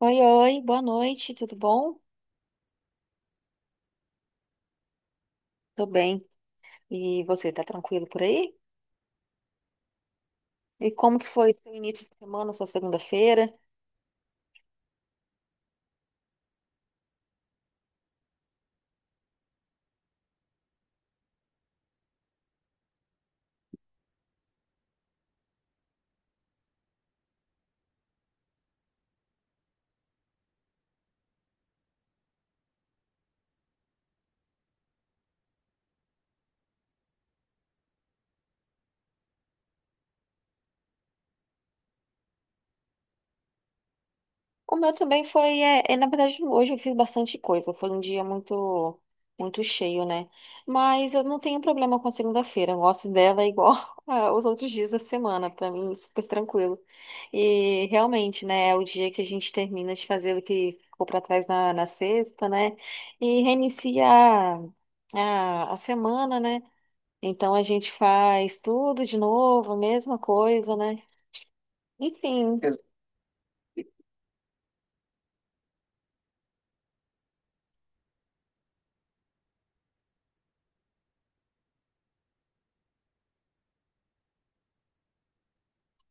Oi, oi, boa noite, tudo bom? Tô bem. E você, tá tranquilo por aí? E como que foi seu início de semana, sua segunda-feira? O meu também foi, na verdade, hoje eu fiz bastante coisa, foi um dia muito cheio, né? Mas eu não tenho problema com a segunda-feira, eu gosto dela igual aos outros dias da semana, pra mim, é super tranquilo. E realmente, né, é o dia que a gente termina de fazer o que ficou pra trás na sexta, né? E reinicia a semana, né? Então a gente faz tudo de novo, a mesma coisa, né? Enfim,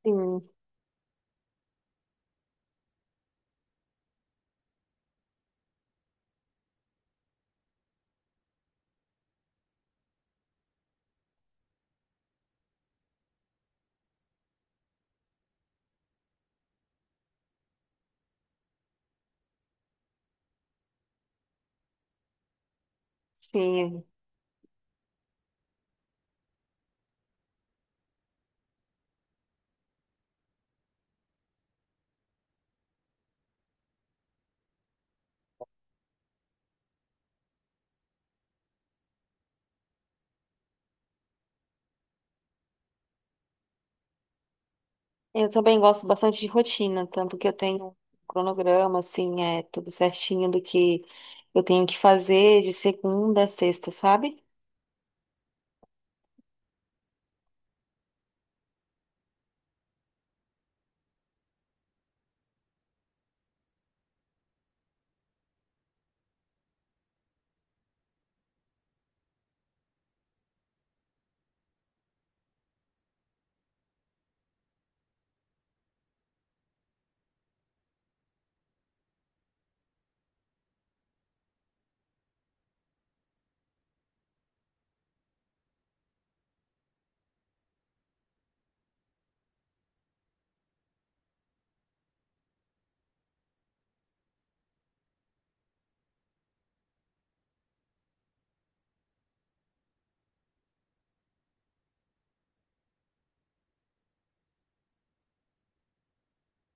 sim, sim. Eu também gosto bastante de rotina, tanto que eu tenho um cronograma, assim, é tudo certinho do que eu tenho que fazer de segunda a sexta, sabe?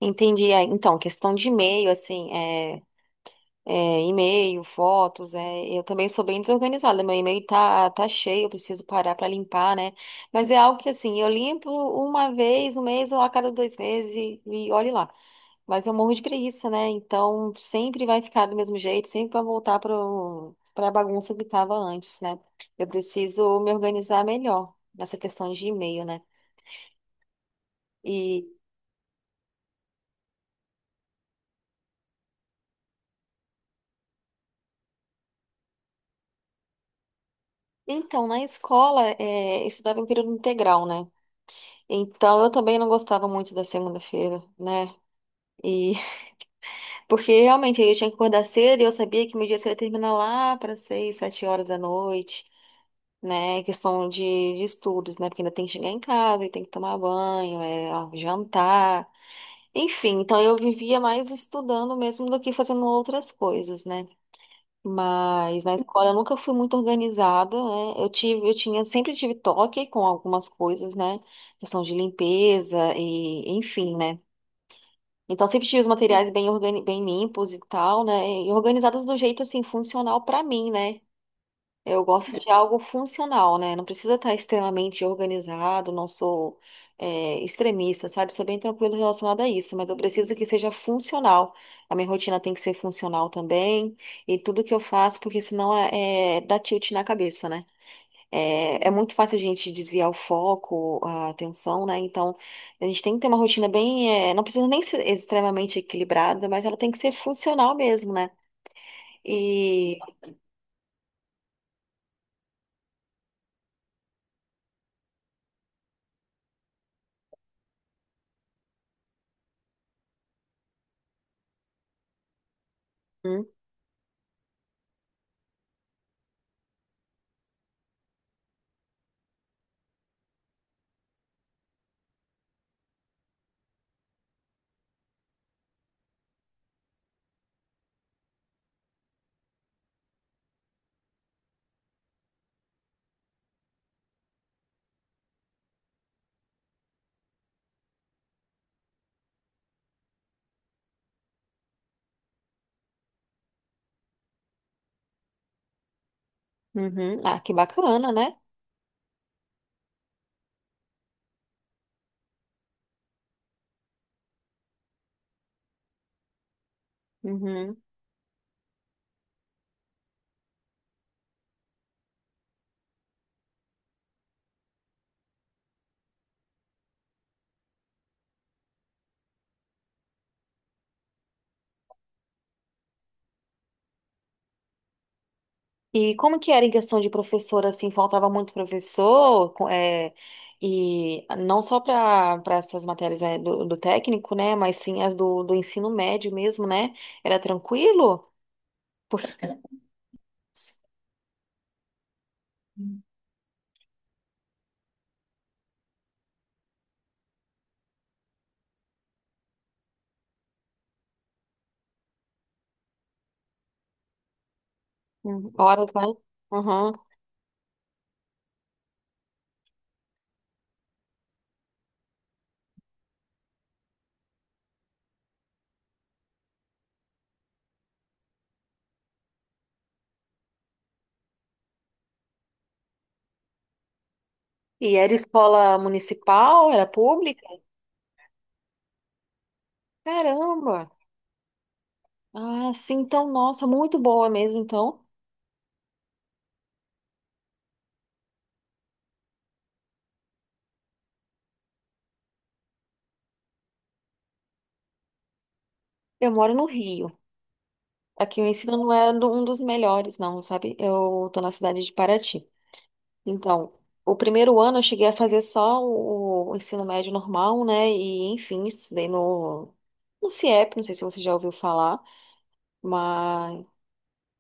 Entendi. Ah, então, questão de e-mail, assim, e-mail, fotos, é, eu também sou bem desorganizada, meu e-mail tá cheio, eu preciso parar para limpar, né? Mas é algo que, assim, eu limpo uma vez no mês ou a cada dois meses e olhe lá. Mas eu morro de preguiça, né? Então sempre vai ficar do mesmo jeito, sempre vai voltar pra bagunça que tava antes, né? Eu preciso me organizar melhor nessa questão de e-mail, né? E então, na escola, é, eu estudava em período integral, né? Então, eu também não gostava muito da segunda-feira, né? E porque realmente eu tinha que acordar cedo e eu sabia que meu dia cedo ia terminar lá para seis, sete horas da noite, né? Questão de estudos, né? Porque ainda tem que chegar em casa e tem que tomar banho, é, ó, jantar, enfim. Então eu vivia mais estudando mesmo do que fazendo outras coisas, né? Mas na escola eu nunca fui muito organizada, né? Eu tive, eu tinha, sempre tive toque com algumas coisas, né? Questão de limpeza e enfim, né? Então, sempre tive os materiais bem, bem limpos e tal, né? E organizados do jeito, assim, funcional pra mim, né? Eu gosto de algo funcional, né? Não precisa estar extremamente organizado, não sou, é, extremista, sabe? Sou bem tranquilo relacionado a isso, mas eu preciso que seja funcional. A minha rotina tem que ser funcional também, e tudo que eu faço, porque senão é dá tilt na cabeça, né? É, é muito fácil a gente desviar o foco, a atenção, né? Então, a gente tem que ter uma rotina bem. Não precisa nem ser extremamente equilibrada, mas ela tem que ser funcional mesmo, né? E. Uhum, uhum. Ah, que bacana, né? Uhum. E como que era em questão de professor, assim, faltava muito professor? E não só para essas matérias, do, do técnico, né? Mas sim as do ensino médio mesmo, né? Era tranquilo? Porque. Uhum. Horas, né? Uhum. E era escola municipal? Era pública? Caramba! Ah, sim, então, nossa, muito boa mesmo, então. Eu moro no Rio. Aqui o ensino não é um dos melhores, não, sabe? Eu tô na cidade de Paraty. Então, o primeiro ano eu cheguei a fazer só o ensino médio normal, né? E, enfim, estudei no CIEP, não sei se você já ouviu falar, mas,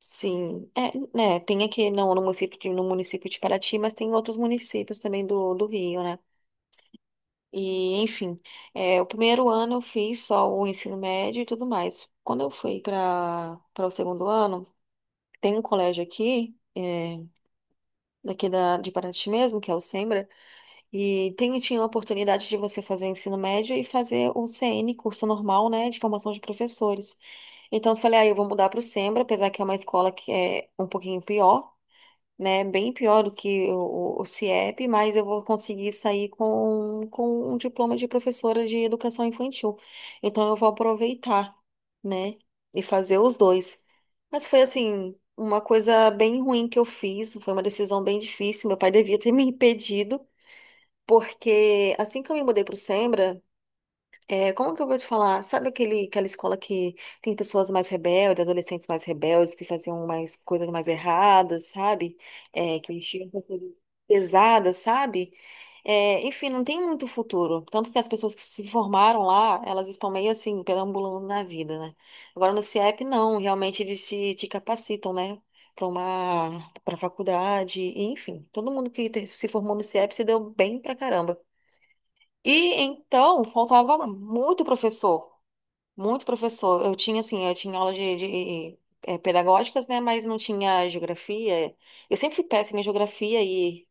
sim, é, né? Tem aqui no município de, no município de Paraty, mas tem outros municípios também do, do Rio, né? E, enfim, é, o primeiro ano eu fiz só o ensino médio e tudo mais. Quando eu fui para o segundo ano, tem um colégio aqui, é, daqui da, de Paraty mesmo, que é o Sembra, e tem, tinha a oportunidade de você fazer o ensino médio e fazer o CN, curso normal, né, de formação de professores. Então eu falei, aí eu vou mudar para o Sembra, apesar que é uma escola que é um pouquinho pior, né? Bem pior do que o CIEP, mas eu vou conseguir sair com um diploma de professora de educação infantil. Então eu vou aproveitar, né? E fazer os dois. Mas foi assim, uma coisa bem ruim que eu fiz, foi uma decisão bem difícil. Meu pai devia ter me impedido, porque assim que eu me mudei para o é, como que eu vou te falar? Sabe aquele, aquela escola que tem pessoas mais rebeldes, adolescentes mais rebeldes, que faziam mais coisas mais erradas, sabe? É, que mexiam com coisas pesadas, sabe? É, enfim, não tem muito futuro. Tanto que as pessoas que se formaram lá, elas estão meio assim, perambulando na vida, né? Agora no CIEP, não. Realmente eles te capacitam, né? Para faculdade, e, enfim. Todo mundo que se formou no CIEP se deu bem pra caramba. E então, faltava muito professor, muito professor. Eu tinha, assim, eu tinha aula de pedagógicas, né? Mas não tinha geografia. Eu sempre fui péssima em geografia e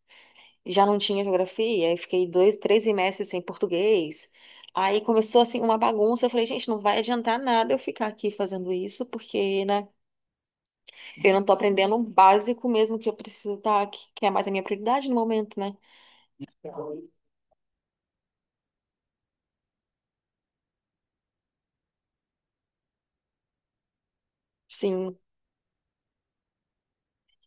já não tinha geografia. Aí fiquei dois, três semestres sem português. Aí começou, assim, uma bagunça. Eu falei, gente, não vai adiantar nada eu ficar aqui fazendo isso, porque, né? Eu não tô aprendendo o básico mesmo que eu preciso estar, que é mais a minha prioridade no momento, né? Sim,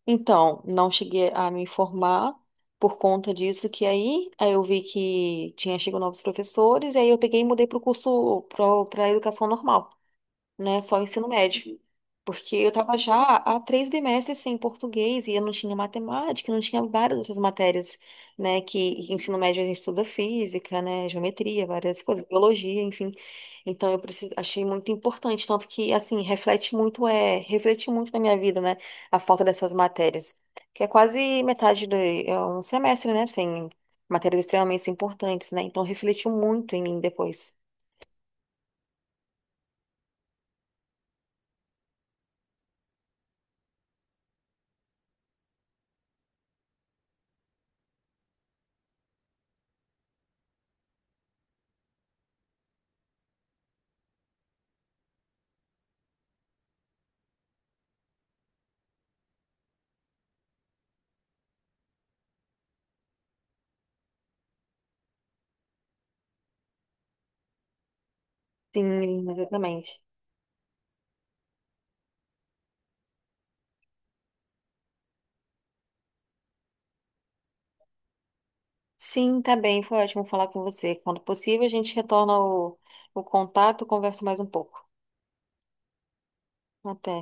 então, não cheguei a me informar por conta disso, aí eu vi que tinha chegado novos professores, e aí eu peguei e mudei para o curso para a educação normal, né? Só ensino médio. Porque eu estava já há três bimestres sem português e eu não tinha matemática, não tinha várias outras matérias, né? Que em ensino médio a gente estuda física, né? Geometria, várias coisas, biologia, enfim. Então eu achei muito importante, tanto que assim reflete muito na minha vida, né? A falta dessas matérias, que é quase metade do é um semestre, né? Sem matérias extremamente importantes, né? Então refletiu muito em mim depois. Sim, exatamente. Sim, tá bem. Foi ótimo falar com você. Quando possível, a gente retorna o contato, conversa mais um pouco. Até.